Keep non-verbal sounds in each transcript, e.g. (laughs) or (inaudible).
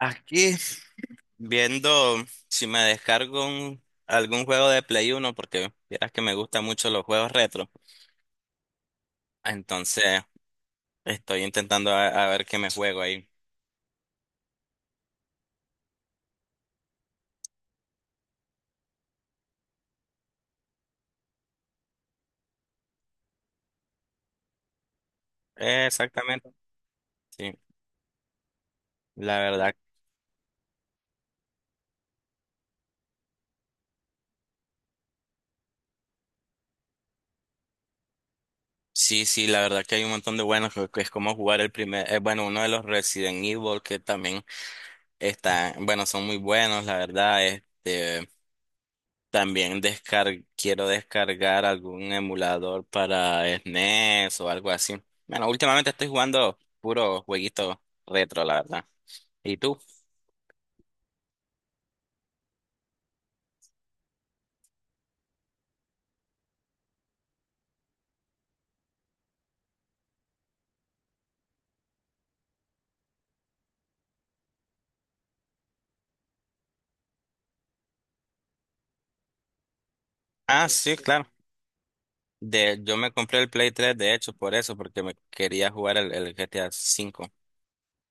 Aquí viendo si me algún juego de Play Uno porque vieras que me gustan mucho los juegos retro. Entonces estoy intentando a ver qué me juego ahí. Exactamente. Sí, la verdad. Sí, sí, la verdad que hay un montón de buenos que es como jugar el primer, bueno, uno de los Resident Evil que también está, bueno, son muy buenos, la verdad. También descar quiero descargar algún emulador para SNES o algo así. Bueno, últimamente estoy jugando puro jueguito retro, la verdad. ¿Y tú? Ah, sí, claro. Yo me compré el Play 3, de hecho, por eso, porque me quería jugar el GTA V.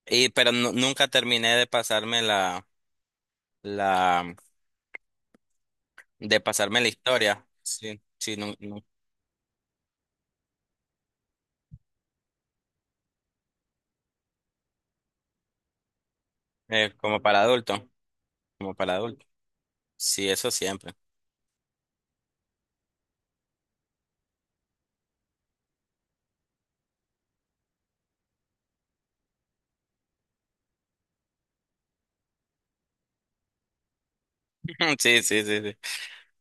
Y pero nunca terminé de pasarme la, de pasarme la historia. Sí, sí, como para adulto, como para adulto. Sí, eso siempre. (laughs) Sí, sí, sí, sí.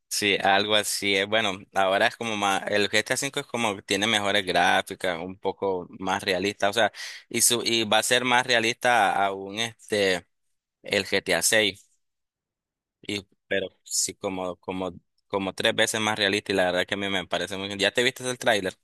Sí, algo así es. Bueno, ahora es como más, el GTA V es como que tiene mejores gráficas, un poco más realista, o sea, y va a ser más realista aún este el GTA VI, y pero sí como tres veces más realista y la verdad que a mí me parece muy bien. ¿Ya te viste el tráiler?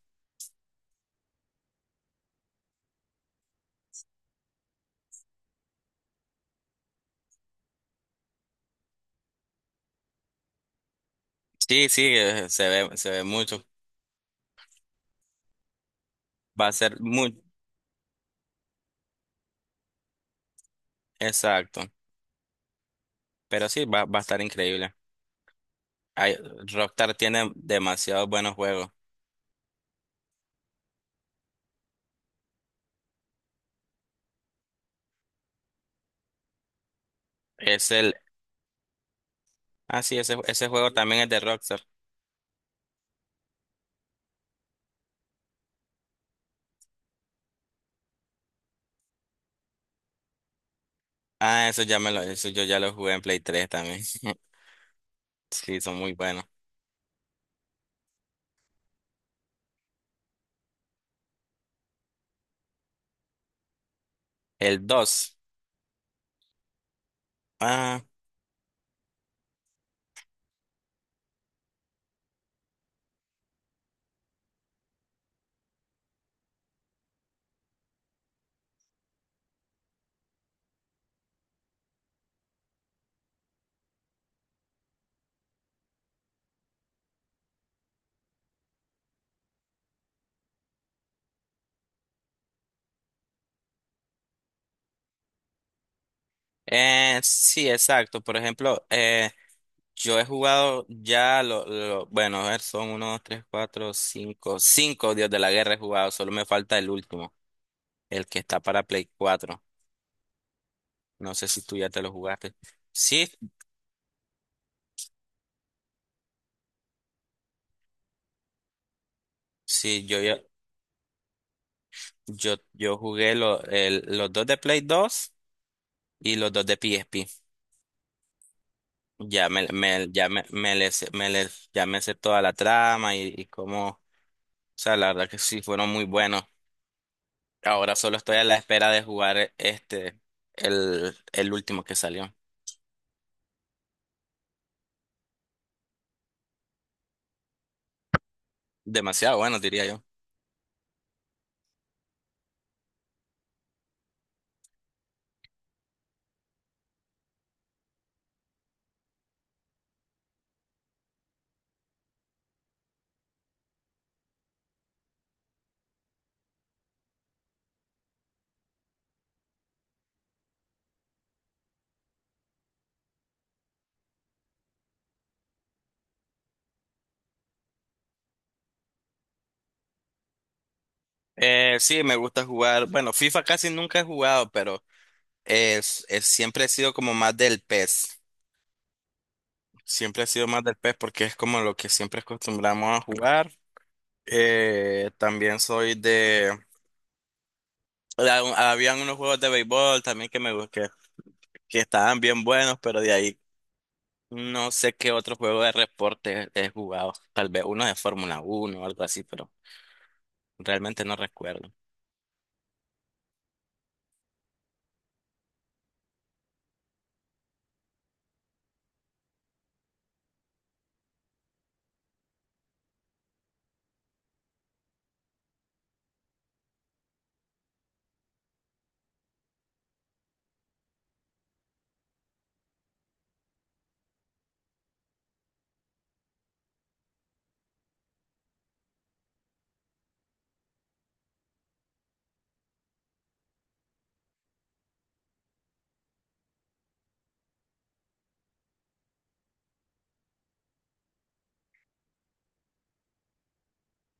Sí, sí, se ve mucho. Va a ser muy exacto, pero sí va a estar increíble. Hay- Rockstar tiene demasiados buenos juegos. Es el Ah, sí, ese juego también es de Rockstar. Ah, eso ya me lo, eso yo ya lo jugué en Play 3 también. (laughs) Sí, son muy buenos. El 2, Ah, sí, exacto. Por ejemplo, yo he jugado bueno, a ver, son uno, 2, 3, 4, 5, 5 Dios de la Guerra he jugado. Solo me falta el último, el que está para Play 4. No sé si tú ya te lo jugaste. Sí, sí, yo jugué los dos de Play 2 y los dos de PSP. Ya me, me, le sé- me le- ya me sé toda la trama y cómo, o sea, la verdad que sí fueron muy buenos. Ahora solo estoy a la espera de jugar el último que salió. Demasiado bueno, diría yo. Sí, me gusta jugar. Bueno, FIFA casi nunca he jugado, pero siempre he sido como más del PES. Siempre he sido más del PES porque es como lo que siempre acostumbramos a jugar. También soy de... Habían unos juegos de béisbol también que me gustan, que estaban bien buenos, pero de ahí no sé qué otro juego de reporte he jugado. Tal vez uno de Fórmula uno o algo así, pero realmente no recuerdo.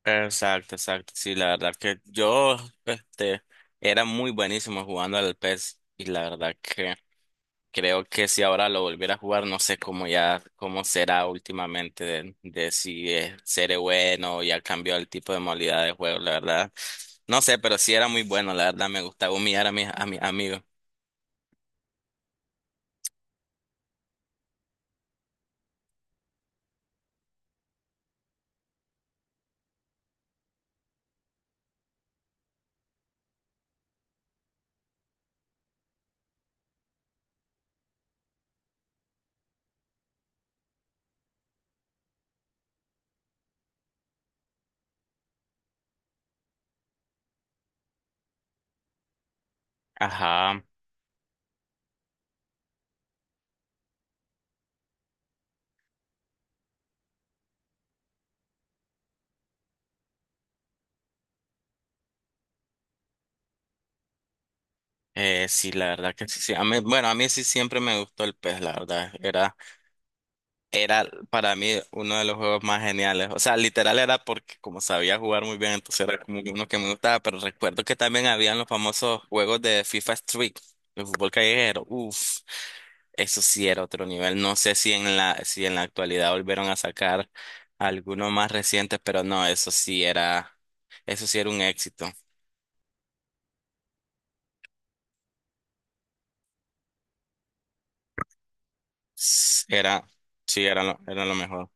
Exacto, exacto. Sí, la verdad que este, era muy buenísimo jugando al PES y la verdad que creo que si ahora lo volviera a jugar, no sé cómo ya, cómo será últimamente de si seré bueno o ya cambió el tipo de modalidad de juego, la verdad. No sé, pero sí era muy bueno, la verdad me gustaba humillar a a mis amigos. Ajá. Sí, la verdad que sí, sí. A mí, bueno, a mí sí siempre me gustó el pez, la verdad. Era para mí uno de los juegos más geniales. O sea, literal era porque como sabía jugar muy bien, entonces era como que uno que me gustaba. Pero recuerdo que también habían los famosos juegos de FIFA Street, de fútbol callejero. Uf, eso sí era otro nivel. No sé si si en la actualidad volvieron a sacar alguno más reciente, pero no, eso sí era un éxito. S- Era, sí, era lo mejor.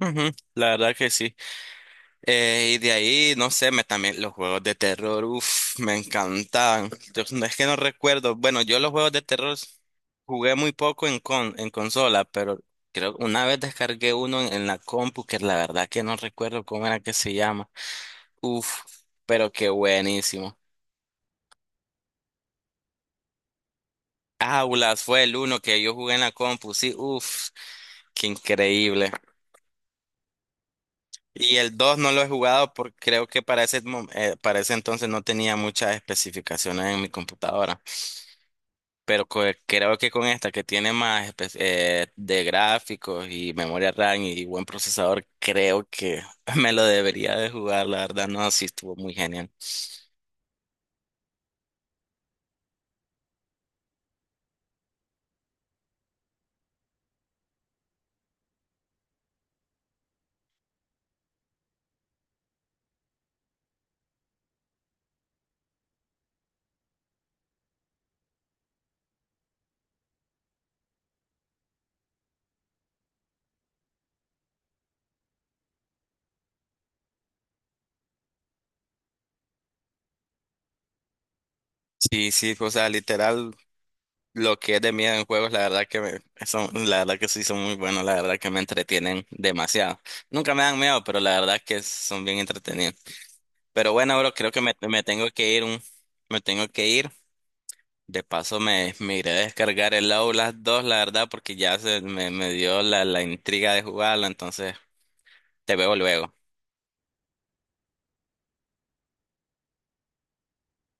Ujú, la verdad que sí. Y de ahí, no sé, también los juegos de terror, uff, me encantaban. Yo, no es que no recuerdo. Bueno, yo los juegos de terror jugué muy poco en consola, pero creo que una vez descargué uno en la compu, que la verdad que no recuerdo cómo era que se llama. Uff, pero qué buenísimo. Aulas fue el uno que yo jugué en la compu, sí, uff, qué increíble. Y el 2 no lo he jugado porque creo que para para ese entonces no tenía muchas especificaciones en mi computadora. Pero creo que con esta que tiene más de gráficos y memoria RAM y buen procesador, creo que (laughs) me lo debería de jugar, la verdad. No, sí estuvo muy genial. Sí, sí, o sea, literal, lo que es de miedo en juegos, la verdad son, la verdad que sí son muy buenos, la verdad que me entretienen demasiado. Nunca me dan miedo, pero la verdad que son bien entretenidos. Pero bueno, bro, creo que me tengo que ir me tengo que ir. De paso me iré a descargar el Outlast dos la verdad, porque ya me dio la intriga de jugarlo, entonces te veo luego.